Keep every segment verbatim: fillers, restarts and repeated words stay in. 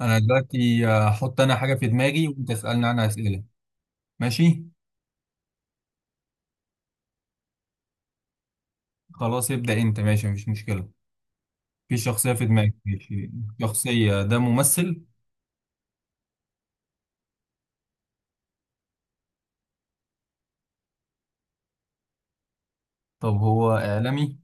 انا دلوقتي هحط انا حاجة في دماغي وانت اسألني عنها اسئلة. ماشي. خلاص ابدأ انت، ماشي مفيش مشكلة. في شخصية في دماغك، ماشي. شخصية ده ممثل؟ طب هو اعلامي؟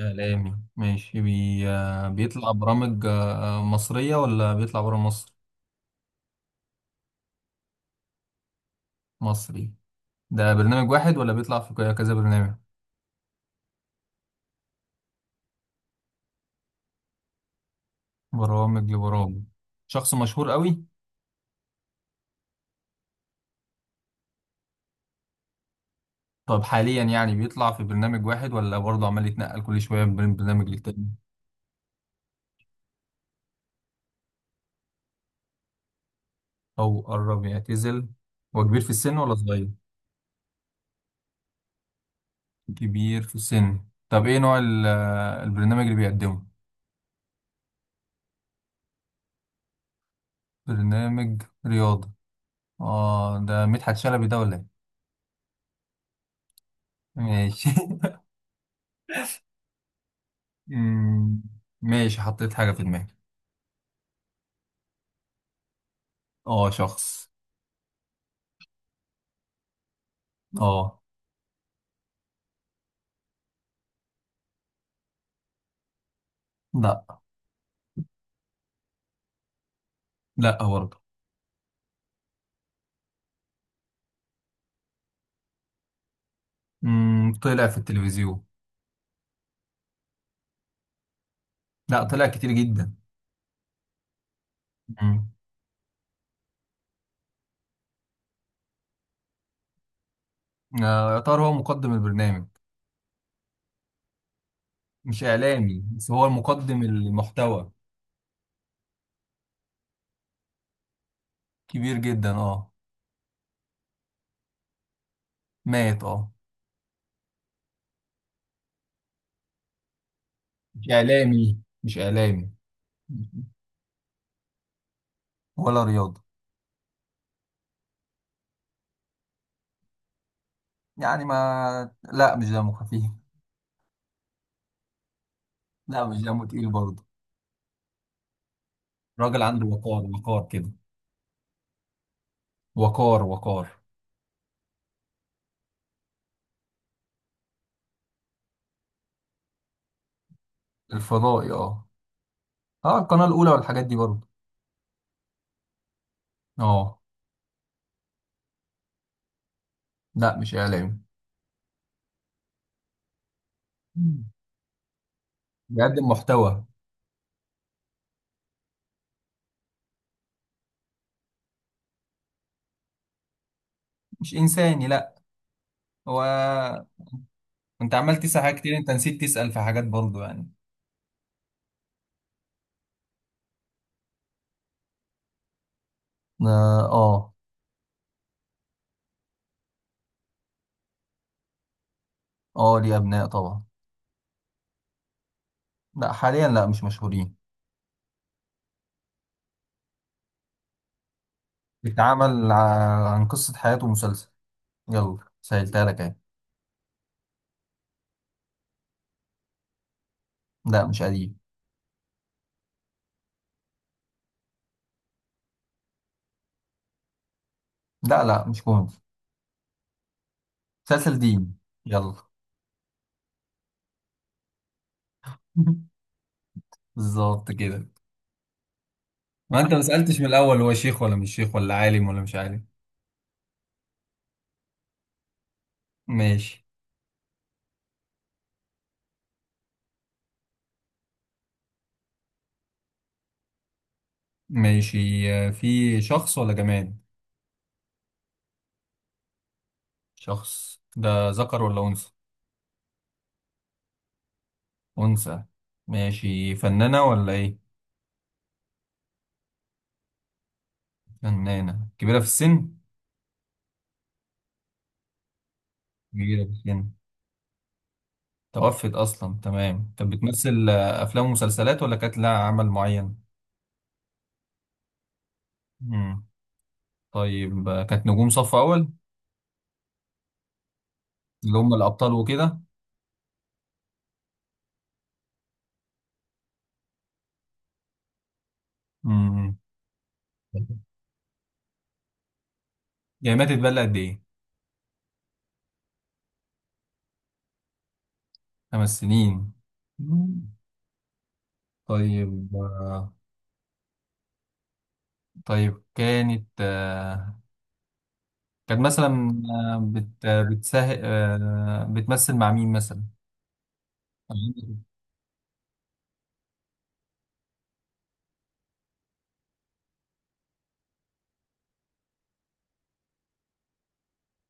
اعلامي، ماشي. بي... آه، بيطلع برامج آه، آه، مصرية ولا بيطلع برا مصر؟ مصري. ده برنامج واحد ولا بيطلع في ك- كذا برنامج؟ برامج لبرامج. شخص مشهور قوي. طب حاليا يعني بيطلع في برنامج واحد ولا برضه عمال يتنقل كل شوية من برنامج للتاني؟ أو قرب يعتزل. هو كبير في السن ولا صغير؟ كبير في السن. طب إيه نوع ال- البرنامج اللي بيقدمه؟ برنامج رياضة. آه، ده مدحت شلبي ده ولا إيه؟ ماشي. أمم، ماشي حطيت حاجة في دماغي. آه، شخص. آه. لا. لا برضه. أمم، طلع في التلفزيون. لا، طلع كتير جدا. أمم، آه، يا ترى هو مقدم البرنامج؟ مش إعلامي، بس هو مقدم المحتوى. كبير جدا آه مات آه مش اعلامي مش اعلامي. ولا رياضة. يعني ما لا، مش دمه خفيف. لا، مش دمه تقيل برضه. راجل عنده وقار، وقار كده. وقار، وقار. الفضائي، اه. اه، القناة الأولى والحاجات دي برضه. اه. لا، مش اعلامي. مم. بيقدم محتوى. مش انساني، لا. هو. انت عمال تسأل حاجات كتير، انت نسيت تسأل في حاجات برضه يعني. اه، اه. آه، ليه أبناء طبعا. لا، حاليا لا، مش مشهورين. بيتعمل ع- عن قصة حياته مسلسل. يلا سهلتها لك اهي. لا، مش قديم. لا، لا، مش مهم. مسلسل ديني. يلا. بالظبط كده. ما انت ما سألتش من الاول هو شيخ ولا مش شيخ، ولا عالم ولا مش عالم؟ ماشي. ماشي. آه، في شخص ولا جماد؟ شخص ده ذكر ولا انثى؟ انثى. ماشي، فنانة ولا ايه؟ فنانة كبيرة في السن. كبيرة في السن. توفت اصلا، تمام. طب بتمثل آه، افلام ومسلسلات ولا كانت لها عمل معين؟ مم. طيب آه، كانت نجوم صف اول، اللي هم الابطال وكده. امم يعني ماتت بقى لها قد ايه؟ خمس سنين. مم. طيب آه، طيب كانت آه، كانت مثلا، آه، بت بتسه... آه، بتمثل مع مين مثلا؟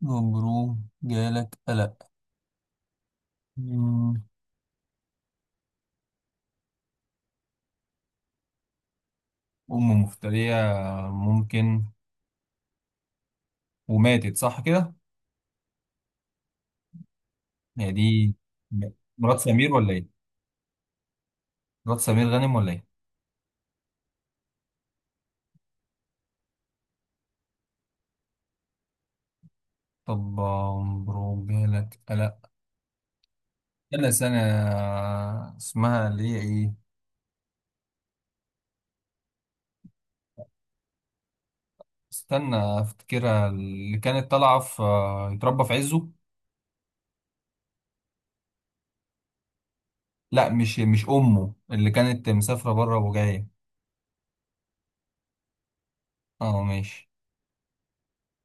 مبروم جالك قلق. مم. أم مفترية. ممكن. وماتت، صح كده؟ هي دي. مرات سمير ولا إيه؟ مرات سمير غانم ولا إيه؟ طب مبروك جالك قلق. كان سنة. اسمها اللي هي ايه؟ استنى افتكرها، اللي كانت طالعة في آه، يتربى في عزه. لا، مش مش امه اللي كانت مسافرة بره وجاية. اه، ماشي.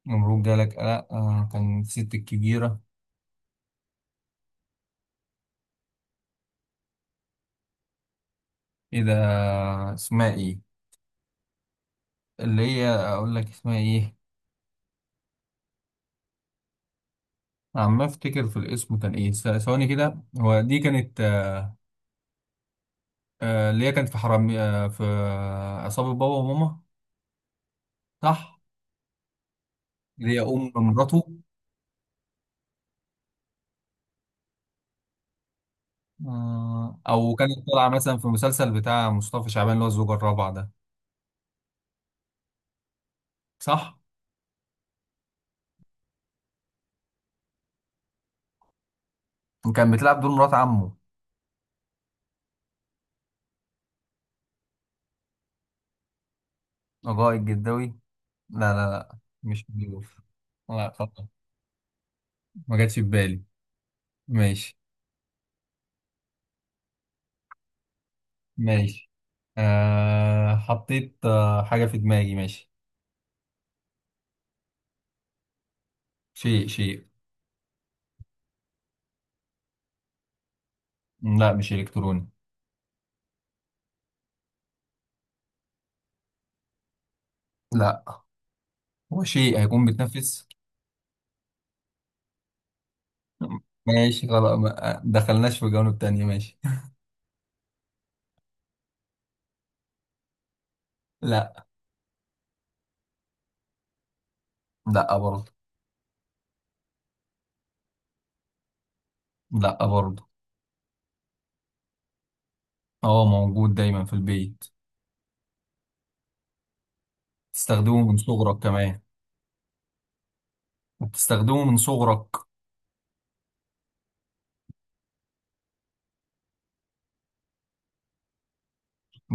نمرود جالك. لا، آه كان الست الكبيرة. ايه ده، اسمها ايه، اللي هي اقول لك اسمها ايه؟ عم افتكر في الاسم، كان ايه س- ثواني كده، هو دي كانت. آه اللي هي كانت في حرامي آه في آه، عصابة بابا وماما. صح. اللي هي ام مراته. آه، او كانت طالعه مثلا في مسلسل بتاع مصطفى شعبان اللي هو الزوجة الرابعة ده. صح؟ وكان بتلعب دور مرات عمه. الرائد الجداوي. لا، لا، لا. مش بيوف. لا، خطأ. ما جاتش في بالي. ماشي. ماشي. أه حطيت آه، حاجة في دماغي، ماشي. شيء، شيء. لا، مش إلكتروني. لا. هو شيء هيكون بتنفس. ماشي خلاص، ما آه، دخلناش في جوانب تانية، ماشي. لا. لا برضه. لا برضه. هو موجود دايما في البيت. تستخدمه من صغرك كمان. وبتستخدمه من صغرك.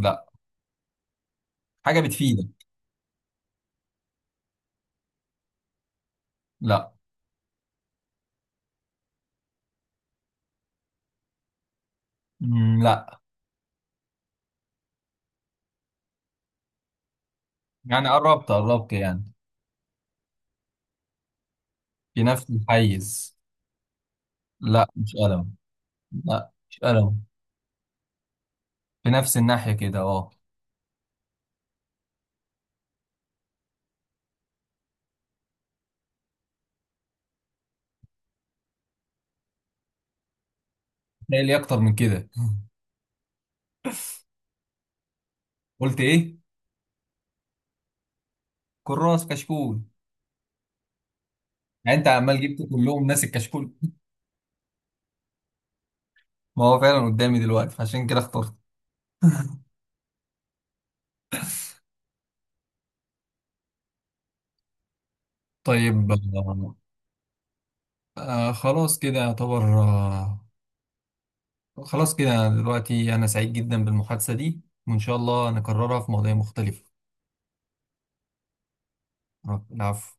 لا. حاجة بتفيدك. لا. مم، لا. يعني قربت، قربت يعني. في نفس الحيز. لا، مش قلم. لا مش قلم. في نفس الناحية كده، اه. لا، لي أكتر من كده. قلت إيه؟ كراس كشكول. يعني أنت عمال جبت كلهم ناس الكشكول. ما هو فعلا قدامي دلوقتي فعشان كده اخترت. طيب آه آه، خلاص كده يعتبر آه خلاص كده دلوقتي أنا سعيد جدا بالمحادثة دي، وإن شاء الله نكررها في مواضيع مختلفة. العفو.